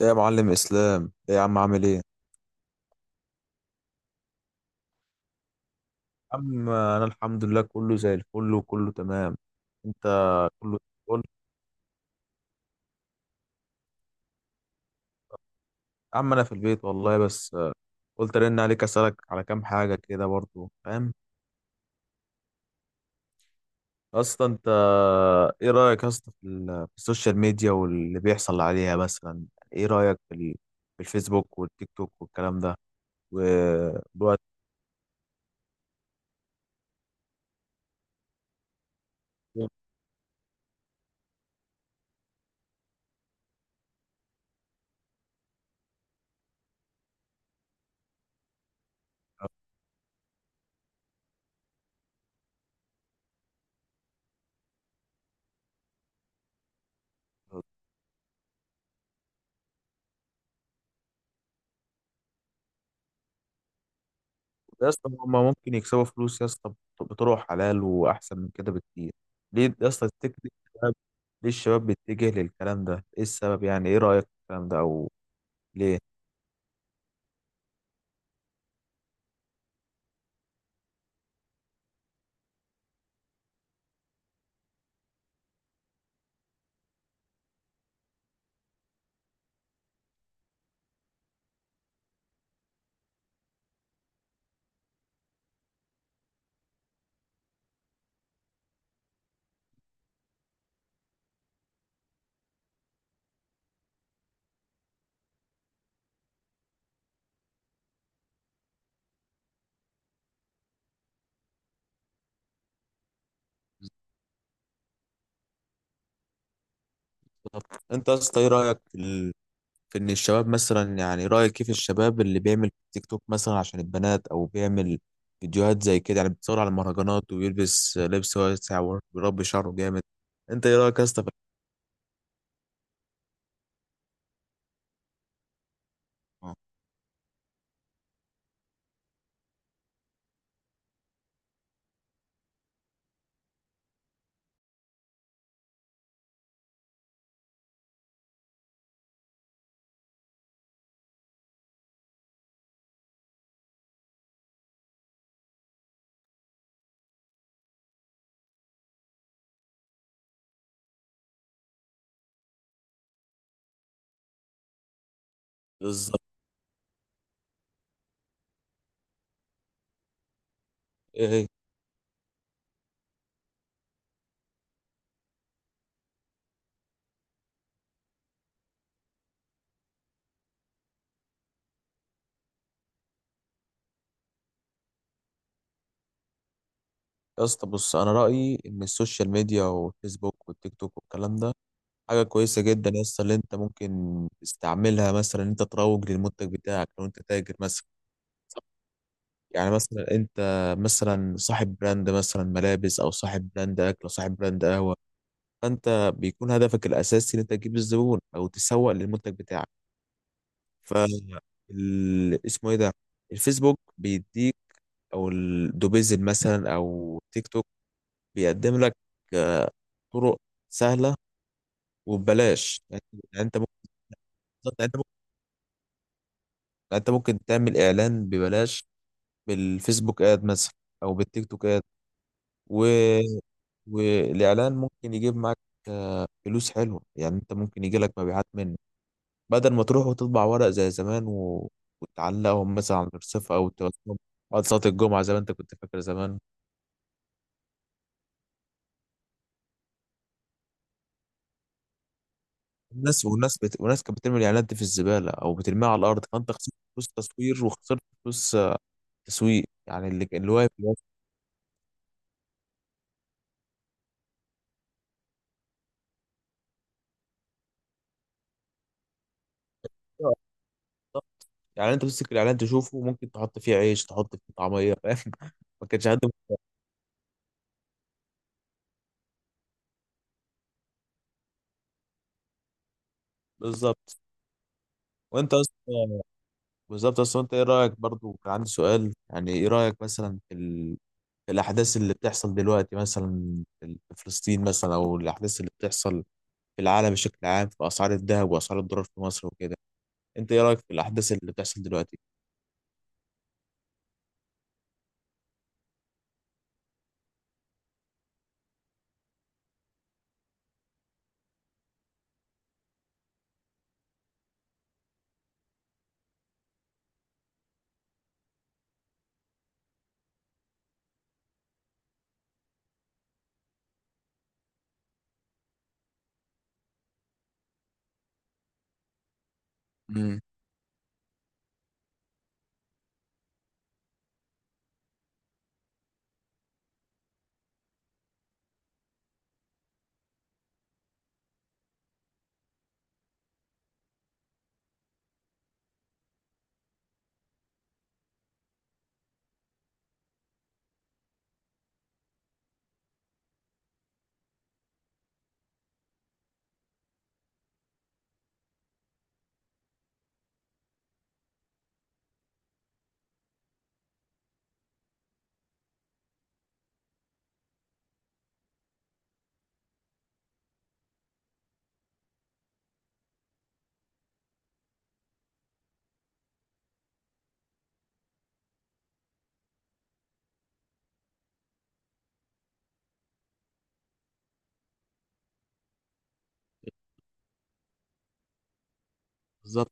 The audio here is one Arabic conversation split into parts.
ايه يا معلم اسلام، ايه يا عم؟ عامل ايه يا عم؟ انا الحمد لله، كله زي الفل وكله تمام. انت؟ كله؟ قول. يا عم انا في البيت والله، بس قلت ارن عليك اسالك على كام حاجه كده برضو، فاهم؟ اصلا انت ايه رايك اصلا في في السوشيال ميديا واللي بيحصل عليها مثلا؟ ايه رايك في في الفيسبوك والتيك توك والكلام ده والوقت؟ يا اسطى هما ممكن يكسبوا فلوس يا اسطى بطرق حلال واحسن من كده بكتير. ليه يا اسطى تفتكر؟ ليه الشباب بيتجه للكلام ده؟ ايه السبب؟ يعني ايه رأيك في الكلام ده؟ او ليه؟ بالظبط. انت يا اسطى ايه رأيك في في ان الشباب مثلا، يعني رأيك كيف الشباب اللي بيعمل تيك توك مثلا عشان البنات او بيعمل فيديوهات زي كده؟ يعني بتصور على المهرجانات ويلبس لبس واسع ويربي شعره جامد. انت ايه رأيك يا اسطى في الحوار؟ بالظبط. ايه هي؟ يا اسطى بص، انا رأيي ان السوشيال ميديا والفيسبوك والتيك توك والكلام ده حاجة كويسة جدا يا اسطى، اللي انت ممكن تستعملها مثلا ان انت تروج للمنتج بتاعك لو انت تاجر مثلا. يعني مثلا انت مثلا صاحب براند مثلا ملابس، او صاحب براند اكل، او صاحب براند قهوه. فانت بيكون هدفك الاساسي ان انت تجيب الزبون او تسوق للمنتج بتاعك. ف اسمه ايه ده، الفيسبوك بيديك، او الدوبيزل مثلا، او تيك توك، بيقدم لك آه، طرق سهله وببلاش. يعني يعني انت ممكن انت ممكن تعمل اعلان ببلاش بالفيسبوك اد مثلا، او بالتيك توك اد. والاعلان ممكن يجيب معاك فلوس حلوه، يعني انت ممكن يجي لك مبيعات منه بدل ما تروح وتطبع ورق زي زمان وتعلقهم مثلا على المرصفه او توزعهم بعد صلاه الجمعه، زي ما انت كنت فاكر زمان. الناس والناس بت... والناس كانت بترمي الاعلانات دي في الزباله او بترميها على الارض، فانت خسرت فلوس تصوير وخسرت فلوس تسويق، يعني اللي واقف. يعني انت تمسك الاعلان تشوفه، ممكن تحط فيه عيش، تحط فيه طعميه، فاهم؟ ما كانش حد. بالظبط. وانت اصلا، بالظبط، اصل انت ايه رايك برضو؟ كان عندي سؤال، يعني ايه رايك مثلا في الاحداث اللي بتحصل دلوقتي مثلا في فلسطين مثلا، او الاحداث اللي بتحصل في العالم بشكل عام، في اسعار الذهب واسعار الدولار في مصر وكده؟ انت ايه رايك في الاحداث اللي بتحصل دلوقتي؟ امم. بالظبط.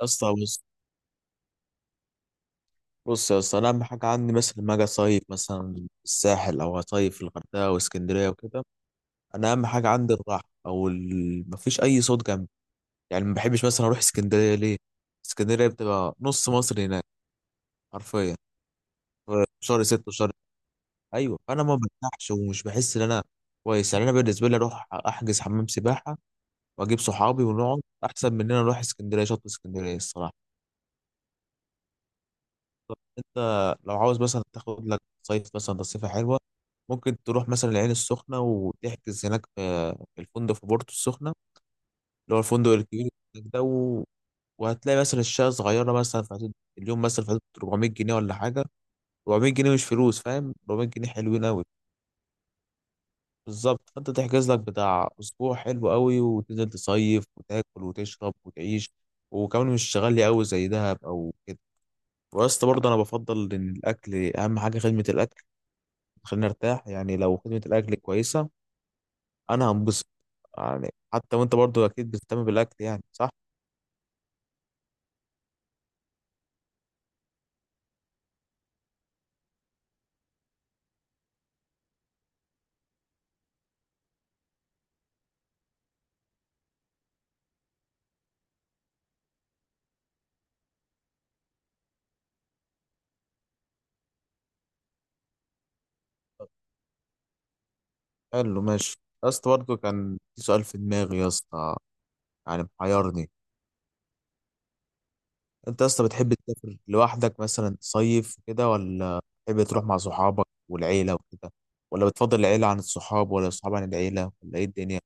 اصلا بص. بص يا اسطى انا اهم حاجه عندي مثلا لما اجي اصيف مثلا في الساحل، او اصيف في الغردقه واسكندريه وكده. انا اهم حاجه عندي الراحه، او مفيش اي صوت جنبي. يعني ما بحبش مثلا اروح اسكندريه، ليه؟ اسكندريه بتبقى نص مصر هناك، حرفيا، في شهر ستة وشهر. ايوه، فانا ما برتاحش ومش بحس ان انا كويس. يعني انا بالنسبه لي اروح احجز حمام سباحه واجيب صحابي ونقعد، احسن من ان انا اروح اسكندريه، شط اسكندريه الصراحه. طب انت لو عاوز مثلا تاخد لك صيف مثلا تصيفه حلوه، ممكن تروح مثلا العين السخنه وتحجز هناك في الفندق، في بورتو السخنه، اللي هو الفندق الكبير هناك ده وهتلاقي مثلا الشقه صغيره، مثلا في حدود اليوم مثلا في حدود 400 جنيه ولا حاجه. 400 جنيه مش فلوس، فاهم؟ 400 جنيه حلوين قوي. بالظبط. فانت تحجز لك بتاع اسبوع حلو قوي، وتنزل تصيف وتاكل وتشرب وتعيش، وكمان مش غالي قوي زي دهب او كده. واسطى برضه انا بفضل ان الاكل اهم حاجه، خدمه الاكل. خلينا نرتاح، يعني لو خدمه الاكل كويسه انا هنبسط. يعني حتى وانت برضه اكيد بتهتم بالاكل، يعني صح؟ حلو، ماشي. يا اسطى برضه كان في سؤال في دماغي يا اسطى، يعني محيرني. انت اصلا بتحب تسافر لوحدك مثلا صيف كده، ولا بتحب تروح مع صحابك والعيله وكده؟ ولا بتفضل العيله عن الصحاب، ولا الصحاب عن العيله، ولا ايه الدنيا؟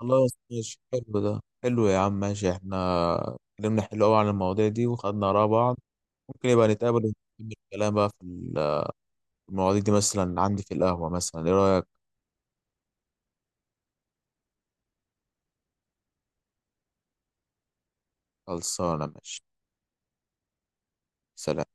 خلاص ماشي، حلو، ده حلو يا عم، ماشي. احنا اتكلمنا حلو قوي عن المواضيع دي وخدنا اراء بعض. ممكن يبقى نتقابل ونكمل الكلام بقى في المواضيع دي، مثلا عندي في القهوه مثلا، ايه رايك؟ خلصانه، ماشي. سلام.